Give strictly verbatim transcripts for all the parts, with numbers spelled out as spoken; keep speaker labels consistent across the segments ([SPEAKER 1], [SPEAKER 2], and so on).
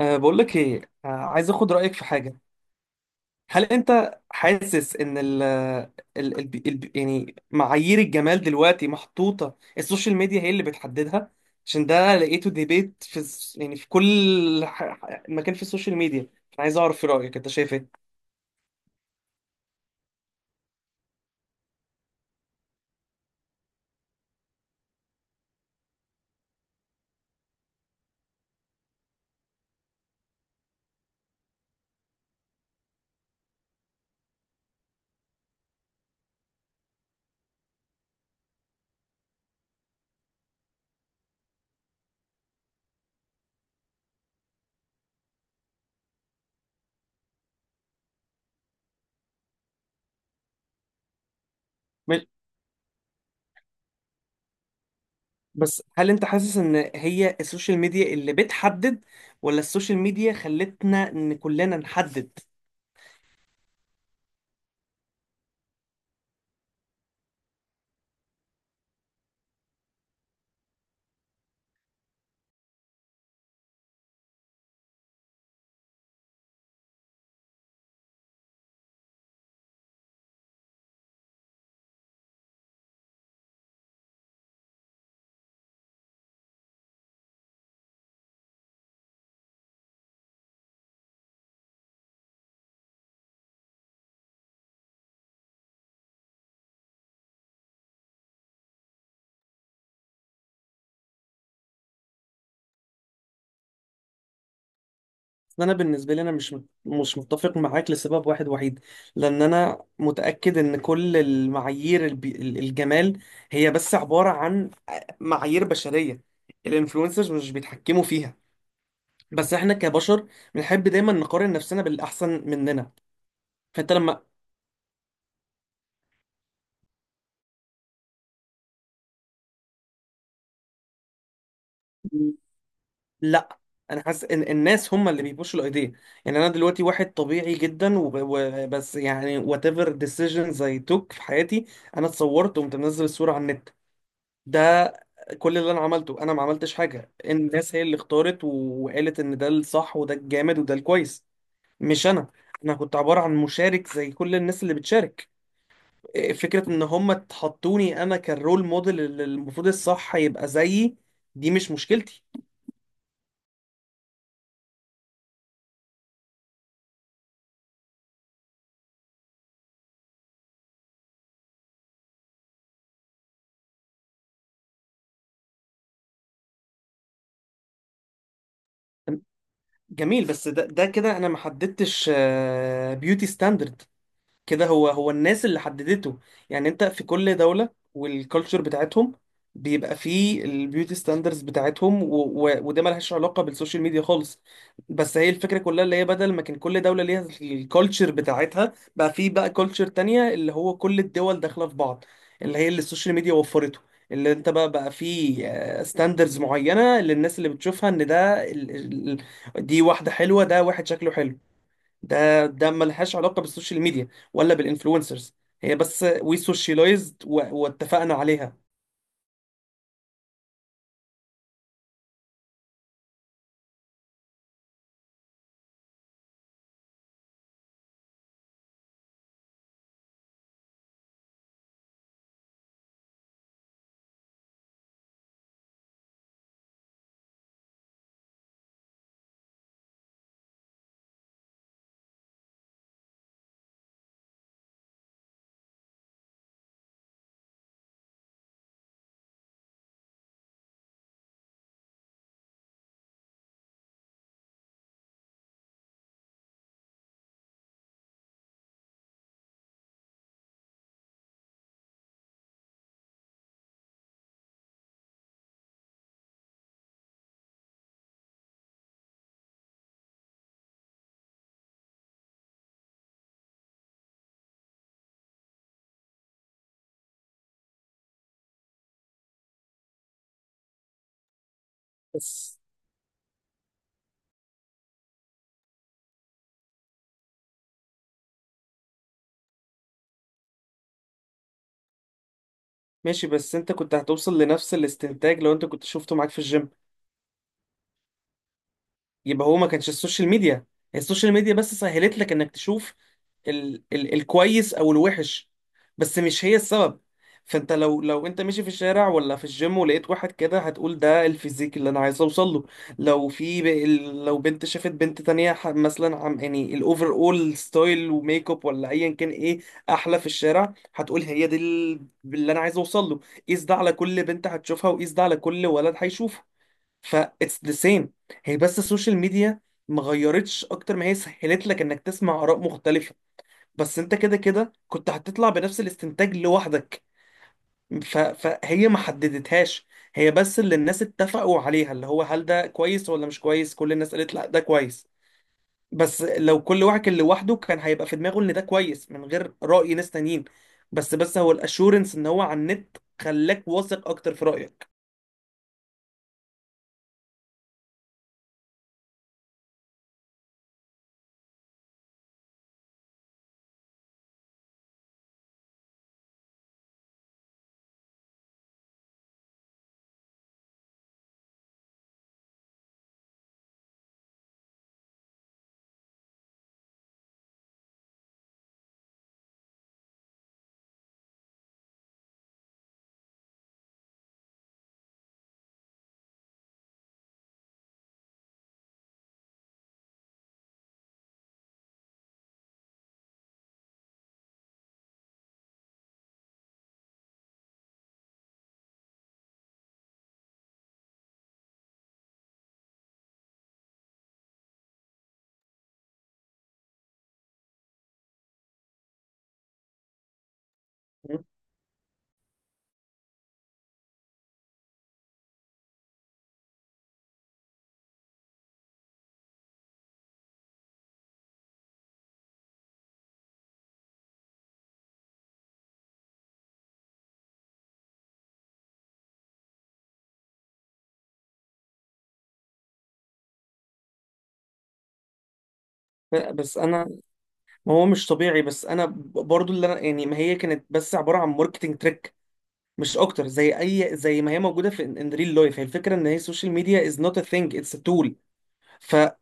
[SPEAKER 1] أه بقول لك ايه. أه عايز اخد رايك في حاجه. هل انت حاسس ان ال ال ال ال يعني معايير الجمال دلوقتي محطوطه، السوشيال ميديا هي اللي بتحددها؟ عشان ده لقيته ديبيت في الس- يعني في كل ح- ح- مكان في السوشيال ميديا. أنا عايز اعرف في رايك، انت شايف ايه؟ مش- بس هل انت حاسس ان هي السوشيال ميديا اللي بتحدد، ولا السوشيال ميديا خلتنا ان كلنا نحدد؟ انا بالنسبه لي انا مش مت- مش متفق معاك لسبب واحد وحيد، لان انا متاكد ان كل المعايير الب- ال- الجمال هي بس عباره عن معايير بشريه. الانفلونسرز مش بيتحكموا فيها، بس احنا كبشر بنحب دايما نقارن نفسنا بالاحسن مننا. فانت لما، لا، انا حاسس ان الناس هم اللي بيبوشوا الايديا. يعني انا دلوقتي واحد طبيعي جدا، وب- وبس يعني whatever decisions I took في حياتي. انا اتصورت وقمت منزل الصوره على النت. ده كل اللي انا عملته، انا ما عملتش حاجه. الناس هي اللي اختارت و- وقالت ان ده الصح وده الجامد وده الكويس، مش انا. انا كنت عباره عن مشارك زي كل الناس اللي بتشارك. فكره ان هم تحطوني انا كالرول موديل اللي المفروض الصح يبقى زيي، دي مش مشكلتي. جميل، بس ده ده كده انا ما حددتش بيوتي ستاندرد. كده هو هو الناس اللي حددته. يعني انت في كل دولة والكالتشر بتاعتهم، بيبقى فيه البيوتي ستاندرز بتاعتهم و... و... وده ملهاش علاقة بالسوشيال ميديا خالص. بس هي الفكرة كلها اللي هي بدل ما كان كل دولة ليها الكالتشر بتاعتها، بقى فيه بقى كالتشر تانية اللي هو كل الدول داخلة في بعض، اللي هي اللي السوشيال ميديا وفرته. اللي انت بقى بقى فيه ستاندرز معينة للناس اللي بتشوفها، ان ده ال... ال... دي واحدة حلوة، ده واحد شكله حلو. ده ده ملهاش علاقة بالسوشيال ميديا ولا بالانفلونسرز، هي بس وي سوشيالايزد واتفقنا عليها. بس ماشي، بس انت كنت هتوصل لنفس الاستنتاج لو انت كنت شفته معاك في الجيم. يبقى هو ما كانش السوشيال ميديا، هي السوشيال ميديا بس سهلت لك انك تشوف ال ال الكويس او الوحش، بس مش هي السبب. فانت لو لو انت ماشي في الشارع ولا في الجيم ولقيت واحد كده، هتقول ده الفيزيك اللي انا عايز اوصل له. لو في ب... ال- لو بنت شافت بنت تانية ح- مثلا عم يعني الاوفر اول ستايل وميك اب ولا ايا كان ايه احلى في الشارع، هتقول هي دي ال- اللي انا عايز اوصل له. قيس ده على كل بنت هتشوفها، وقيس ده على كل ولد هيشوفه. ف اتس ذا سيم. هي بس السوشيال ميديا ما غيرتش، اكتر ما هي سهلت لك انك تسمع اراء مختلفه. بس انت كده كده كنت هتطلع بنفس الاستنتاج لوحدك. ف... فهي ما حددتهاش، هي بس اللي الناس اتفقوا عليها، اللي هو هل ده كويس ولا مش كويس. كل الناس قالت لا، ده كويس. بس لو كل واحد كان لوحده كان هيبقى في دماغه ان ده كويس من غير رأي ناس تانيين. بس بس هو الاشورنس ان هو على النت خلاك واثق اكتر في رأيك. لا، بس انا، ما هو مش طبيعي. بس انا ب- برضو اللي انا يعني ما هي كانت بس عباره عن ماركتنج تريك مش اكتر، زي اي زي ما هي موجوده في ان ريل لايف. هي الفكره ان هي السوشيال ميديا از نوت ا ثينج، اتس ا تول. فانا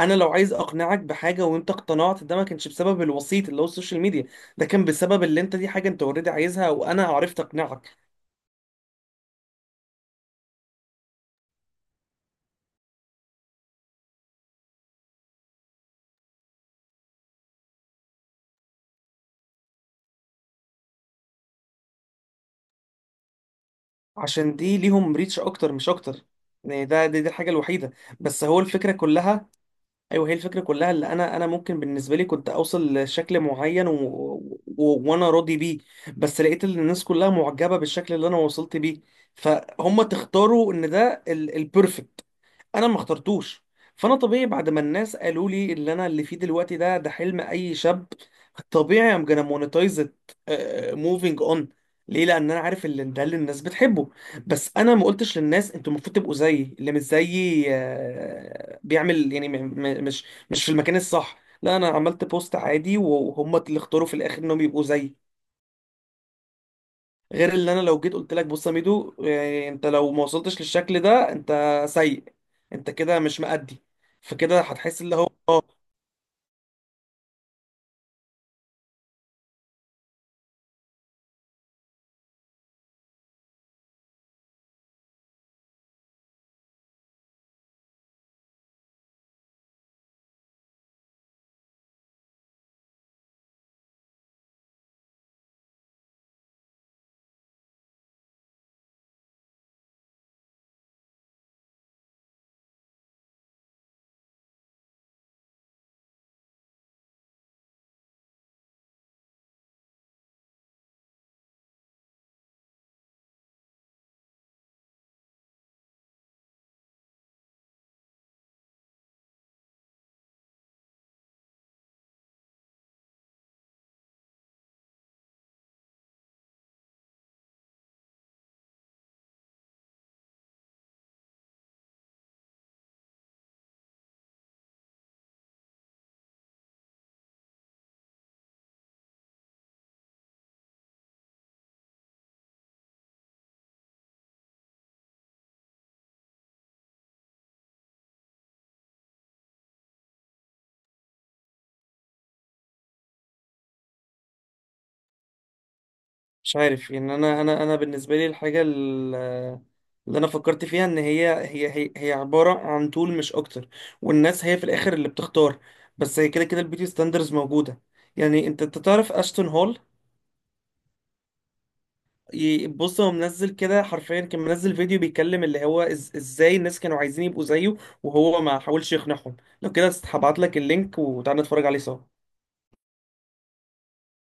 [SPEAKER 1] لو عايز اقنعك بحاجه وانت اقتنعت، ده ما كانش بسبب الوسيط اللي هو السوشيال ميديا، ده كان بسبب اللي انت دي حاجه انت اوريدي عايزها وانا عرفت اقنعك. عشان دي ليهم ريتش اكتر مش اكتر. يعني ده دي, دي الحاجه الوحيده. بس هو الفكره كلها، ايوه هي الفكره كلها اللي انا انا ممكن بالنسبه لي كنت اوصل لشكل معين و... و... وانا راضي بيه. بس لقيت ان الناس كلها معجبه بالشكل اللي انا وصلت بيه، فهم تختاروا ان ده البرفكت، انا ما اخترتوش. فانا طبيعي بعد ما الناس قالوا لي اللي انا اللي فيه دلوقتي ده، ده حلم اي شاب. طبيعي ام gonna monetize it، موفينج اون. ليه؟ لان انا عارف اللي ده اللي الناس بتحبه. بس انا ما قلتش للناس انتوا المفروض تبقوا زيي. اللي مش زيي آه، بيعمل يعني م- م- مش مش في المكان الصح. لا، انا عملت بوست عادي وهم اللي اختاروا في الاخر انهم يبقوا زيي. غير اللي انا لو جيت قلت لك، بص يا ميدو، يعني انت لو ما وصلتش للشكل ده انت سيء، انت كده مش مأدي، فكده هتحس اللي هو اه. مش عارف يعني، انا انا انا بالنسبه لي الحاجه ال- اللي انا فكرت فيها ان هي هي هي, هي عباره عن طول مش اكتر، والناس هي في الاخر اللي بتختار. بس هي كده كده البيوتي ستاندرز موجوده. يعني انت انت تعرف اشتون هول؟ ي- بص، هو منزل كده حرفيا، كان منزل فيديو بيتكلم اللي هو إز ازاي الناس كانوا عايزين يبقوا زيه، وهو ما حاولش يقنعهم. لو كده هبعت لك اللينك وتعالى نتفرج عليه سوا.